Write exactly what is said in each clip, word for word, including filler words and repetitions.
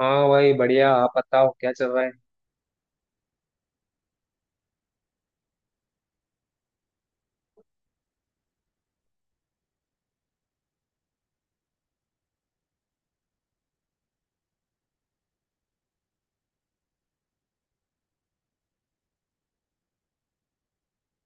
हाँ भाई बढ़िया। आप बताओ क्या चल रहा है।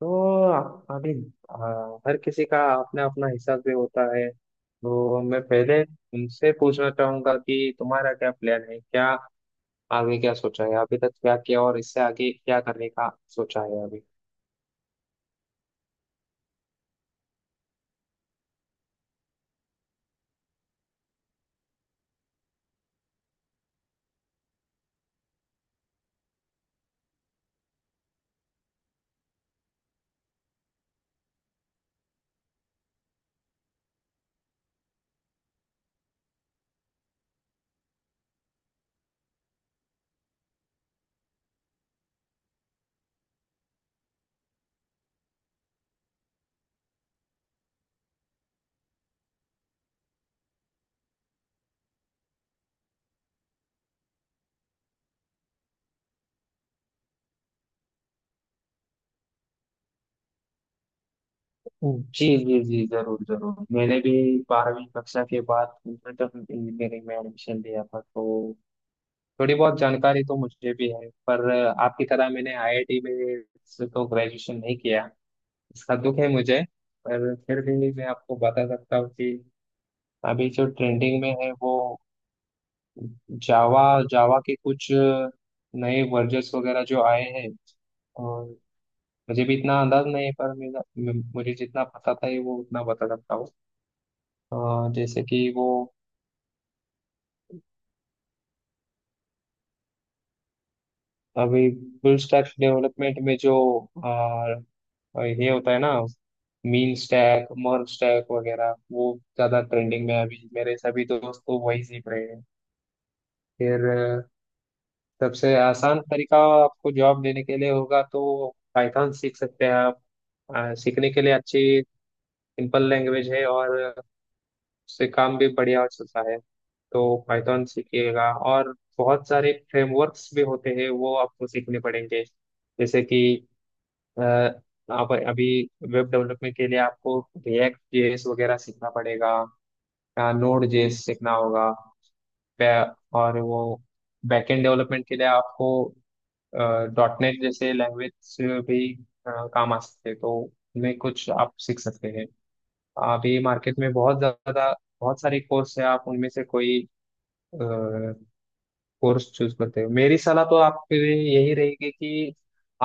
तो आ- अभी, आ, हर किसी का अपना अपना हिसाब भी होता है, तो मैं पहले तुमसे पूछना चाहूंगा कि तुम्हारा क्या प्लान है, क्या आगे क्या सोचा है, अभी तक क्या किया और इससे आगे क्या करने का सोचा है अभी। जी, जी, जी, जरूर, जरूर। मैंने भी बारहवीं कक्षा के बाद कंप्यूटर इंजीनियरिंग में एडमिशन लिया था, तो थोड़ी बहुत जानकारी तो मुझे भी है, पर आपकी तरह मैंने आई आई टी में से तो ग्रेजुएशन नहीं किया। इसका दुख है मुझे। पर फिर भी मैं आपको बता सकता हूँ कि अभी जो ट्रेंडिंग में है, वो जावा। जावा के कुछ नए वर्जन्स वगैरह जो आए हैं। और मुझे भी इतना अंदाज नहीं है, पर मेरा मे- मुझे जितना पता था ये वो उतना बता सकता हूँ। अ, जैसे कि वो अभी फुल स्टैक डेवलपमेंट में जो अ, ये होता है ना, मीन स्टैक मर्ज स्टैक वगैरह वो ज्यादा ट्रेंडिंग में है। अभी मेरे सभी दोस्त तो वही सीख रहे हैं। फिर सबसे आसान तरीका आपको जॉब लेने के लिए होगा, तो पाइथन सीख सकते हैं आप। आ, सीखने के लिए अच्छी सिंपल लैंग्वेज है और उससे काम भी बढ़िया चलता है। तो पाइथन सीखिएगा, और बहुत सारे फ्रेमवर्क्स भी होते हैं वो आपको सीखने पड़ेंगे। जैसे कि अ, आप अभी वेब डेवलपमेंट के लिए आपको रिएक्ट जे एस वगैरह सीखना पड़ेगा, नोड जे एस सीखना होगा। पै- और वो बैकएंड डेवलपमेंट के लिए आपको डॉट नेट जैसे लैंग्वेज भी अ, काम आ सकते हैं, तो उनमें कुछ आप सीख सकते हैं। अभी मार्केट में बहुत ज़्यादा बहुत सारे कोर्स है, आप उनमें से कोई कोर्स चूज करते हो। मेरी सलाह तो आपके लिए यही रहेगी कि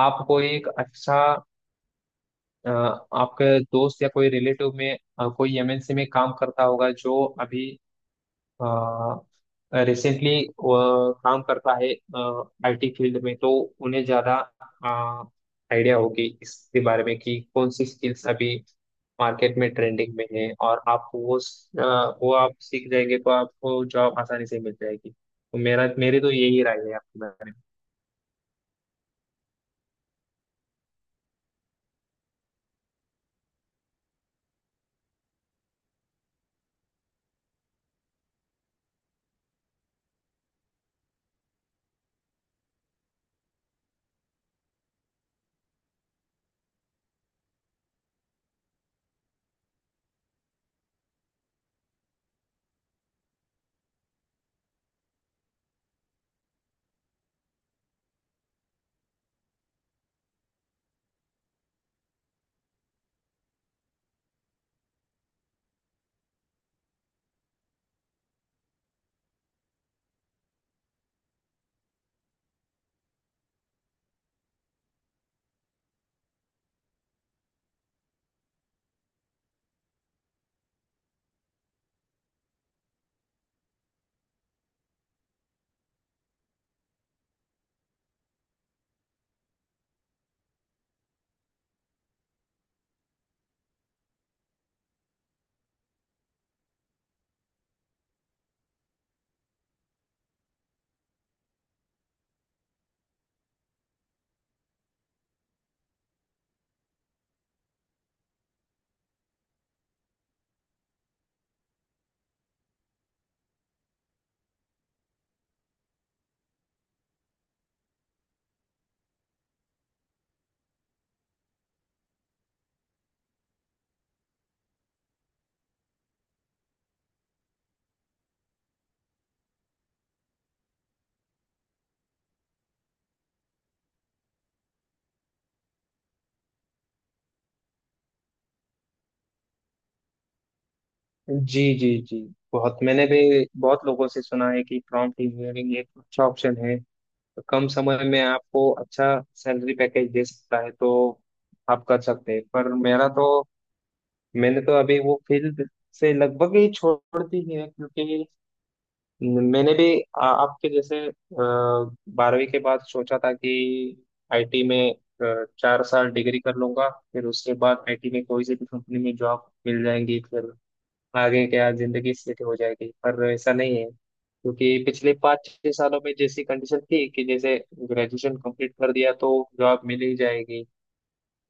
आप कोई एक अच्छा अ, आपके दोस्त या कोई रिलेटिव में अ, कोई एम एन सी में काम करता होगा जो अभी रिसेंटली काम करता है आई टी फील्ड में, तो उन्हें ज्यादा आइडिया होगी इसके बारे में कि कौन सी स्किल्स अभी मार्केट में ट्रेंडिंग में है, और आप वो अ, वो आप सीख जाएंगे तो आपको जॉब आसानी से मिल जाएगी। तो मेरा मेरी तो यही राय है आपके बारे में। जी, जी, जी। बहुत मैंने भी बहुत लोगों से सुना है कि प्रॉम्प्ट इंजीनियरिंग एक अच्छा ऑप्शन है, तो कम समय में आपको अच्छा सैलरी पैकेज दे सकता है, तो आप कर सकते हैं। पर मेरा तो मैंने तो अभी वो फील्ड से लगभग ही छोड़ दी है, क्योंकि मैंने भी आ, आपके जैसे अ, बारहवीं के बाद सोचा था कि आई टी में अ, चार साल डिग्री कर लूंगा, फिर उसके बाद आई टी में कोई सी भी कंपनी में जॉब मिल जाएंगी, फिर आगे क्या जिंदगी सेट हो जाएगी। पर ऐसा नहीं है, क्योंकि पिछले पाँच छह सालों में जैसी कंडीशन थी कि जैसे ग्रेजुएशन कंप्लीट कर दिया तो जॉब मिल ही जाएगी,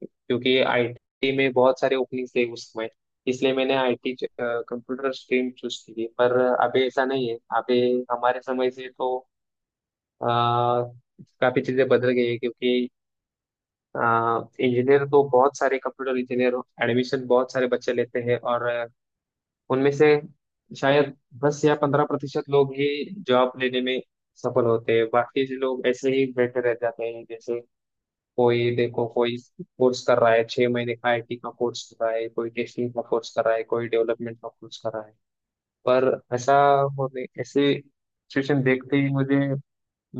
क्योंकि आई टी में बहुत सारे ओपनिंग थे उस समय, इसलिए मैंने I T computer stream choose की थी। पर अभी ऐसा नहीं है। अभी हमारे समय से तो अ, काफी चीजें बदल गई है, क्योंकि इंजीनियर तो बहुत सारे कंप्यूटर इंजीनियर, एडमिशन बहुत सारे बच्चे लेते हैं, और उनमें से शायद दस या पंद्रह प्रतिशत लोग ही जॉब लेने में सफल होते हैं, बाकी जो लोग ऐसे ही बैठे रह जाते हैं। जैसे कोई देखो कोई कोर्स कर रहा है, छह महीने का आई टी का कोर्स कर रहा है, कोई टेस्टिंग का कोर्स कर रहा है, कोई डेवलपमेंट का कोर्स कर रहा है। पर ऐसा होने ऐसे सिचुएशन देखते ही मुझे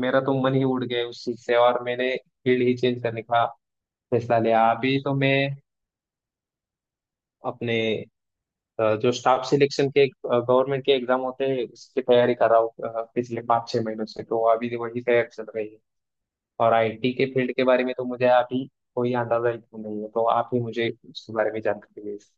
मेरा तो मन ही उड़ गया उस चीज से, और मैंने फील्ड ही चेंज करने का फैसला लिया। अभी तो मैं अपने अ, जो स्टाफ सिलेक्शन के गवर्नमेंट के एग्जाम होते हैं उसकी तैयारी कर रहा हूँ। अ, पिछले पाँच छह महीनों से तो अभी वही तैयारी चल रही है, और आई टी के फील्ड के बारे में तो मुझे अभी कोई अंदाजा ही नहीं है, तो आप ही मुझे उसके बारे में जानकारी दीजिए।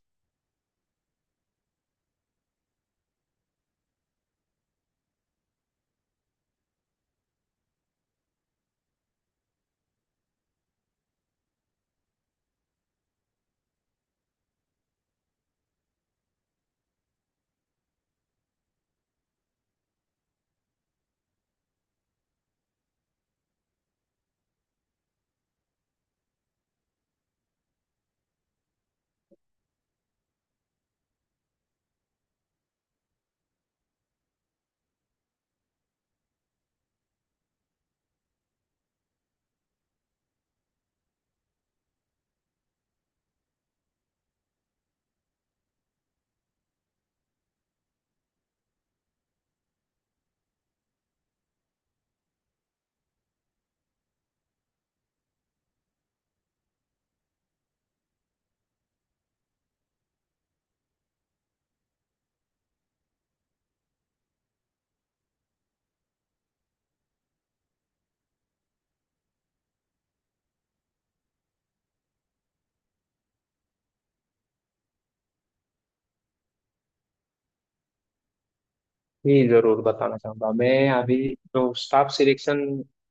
जी, जरूर बताना चाहूंगा। मैं अभी जो स्टाफ सिलेक्शन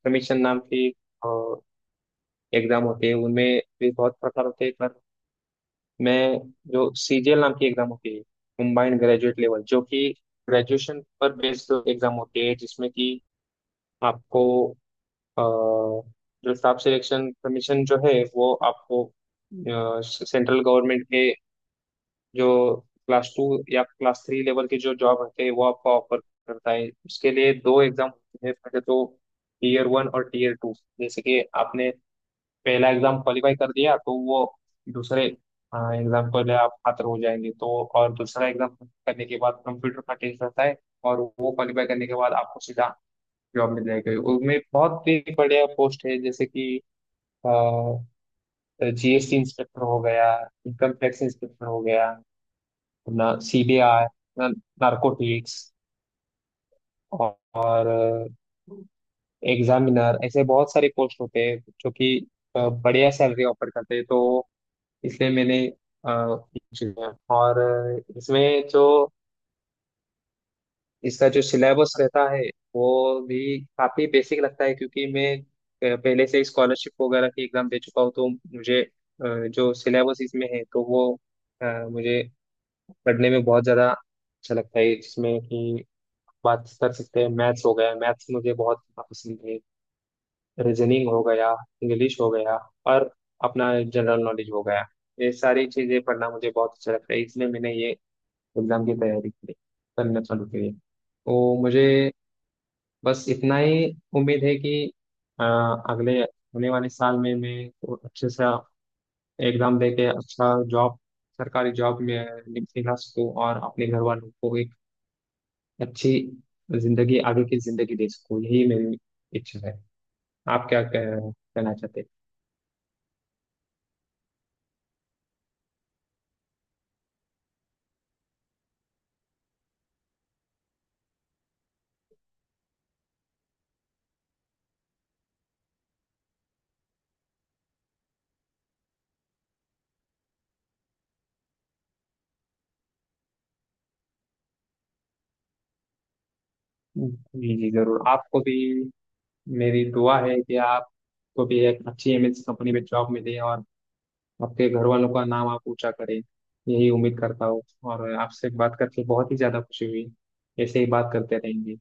कमीशन नाम की एग्जाम होती है उनमें भी बहुत प्रकार होते हैं, पर मैं जो सी जी एल नाम की एग्जाम होती है, कंबाइंड ग्रेजुएट लेवल जो कि ग्रेजुएशन पर बेस्ड एग्जाम होती है, जिसमें कि आपको अ, जो स्टाफ सिलेक्शन कमीशन जो है वो आपको सेंट्रल गवर्नमेंट के जो क्लास टू या क्लास थ्री लेवल की जो जॉब होते हैं वो आपको ऑफर करता है। उसके लिए दो एग्जाम होते हैं, पहले तो टीयर वन और टीयर टू। जैसे कि आपने पहला एग्जाम क्वालिफाई कर दिया तो वो दूसरे एग्जाम के लिए आप पात्र हो जाएंगे, तो और दूसरा एग्जाम करने के बाद कंप्यूटर का टेस्ट रहता है, और वो क्वालिफाई करने के बाद आपको सीधा जॉब मिल जाएगी। उनमें बहुत ही बढ़िया पोस्ट है, जैसे कि जी एस टी इंस्पेक्टर हो गया, इनकम टैक्स इंस्पेक्टर हो गया, अपना सी बी आई, नारकोटिक्स और एग्जामिनर, ऐसे बहुत सारे पोस्ट होते हैं जो कि अ, बढ़िया सैलरी ऑफर करते हैं, तो इसलिए मैंने अ, किया। और इसमें जो इसका जो सिलेबस रहता है वो भी काफी बेसिक लगता है, क्योंकि मैं अ, पहले से स्कॉलरशिप वगैरह की एग्जाम दे चुका हूँ, तो मुझे अ, जो सिलेबस इसमें है तो वो अ, मुझे पढ़ने में बहुत ज्यादा अच्छा लगता है, जिसमें कि बात कर सकते हैं मैथ्स हो गया। मैथ्स मुझे बहुत पसंद है, रीजनिंग हो गया, इंग्लिश हो गया और अपना जनरल नॉलेज हो गया। ये सारी चीजें पढ़ना मुझे बहुत अच्छा लगता है, इसलिए मैंने ये एग्जाम की तैयारी की करना चालू करी, तो मुझे बस इतना ही उम्मीद है कि अ, अगले होने वाले साल में मैं को अच्छे से एग्जाम दे के अच्छा जॉब, सरकारी जॉब में निकला सकूँ, और अपने घर वालों को एक अच्छी जिंदगी, आगे की जिंदगी दे सकूँ। यही मेरी इच्छा है। आप क्या कह, कहना चाहते हैं? जी, जी, जरूर। आपको भी मेरी दुआ है कि आपको भी एक अच्छी एम एन सी कंपनी में जॉब मिले, और आपके घर वालों का नाम आप ऊंचा करें, यही उम्मीद करता हूँ। और आपसे बात करके बहुत ही ज्यादा खुशी हुई। ऐसे ही बात करते रहेंगे।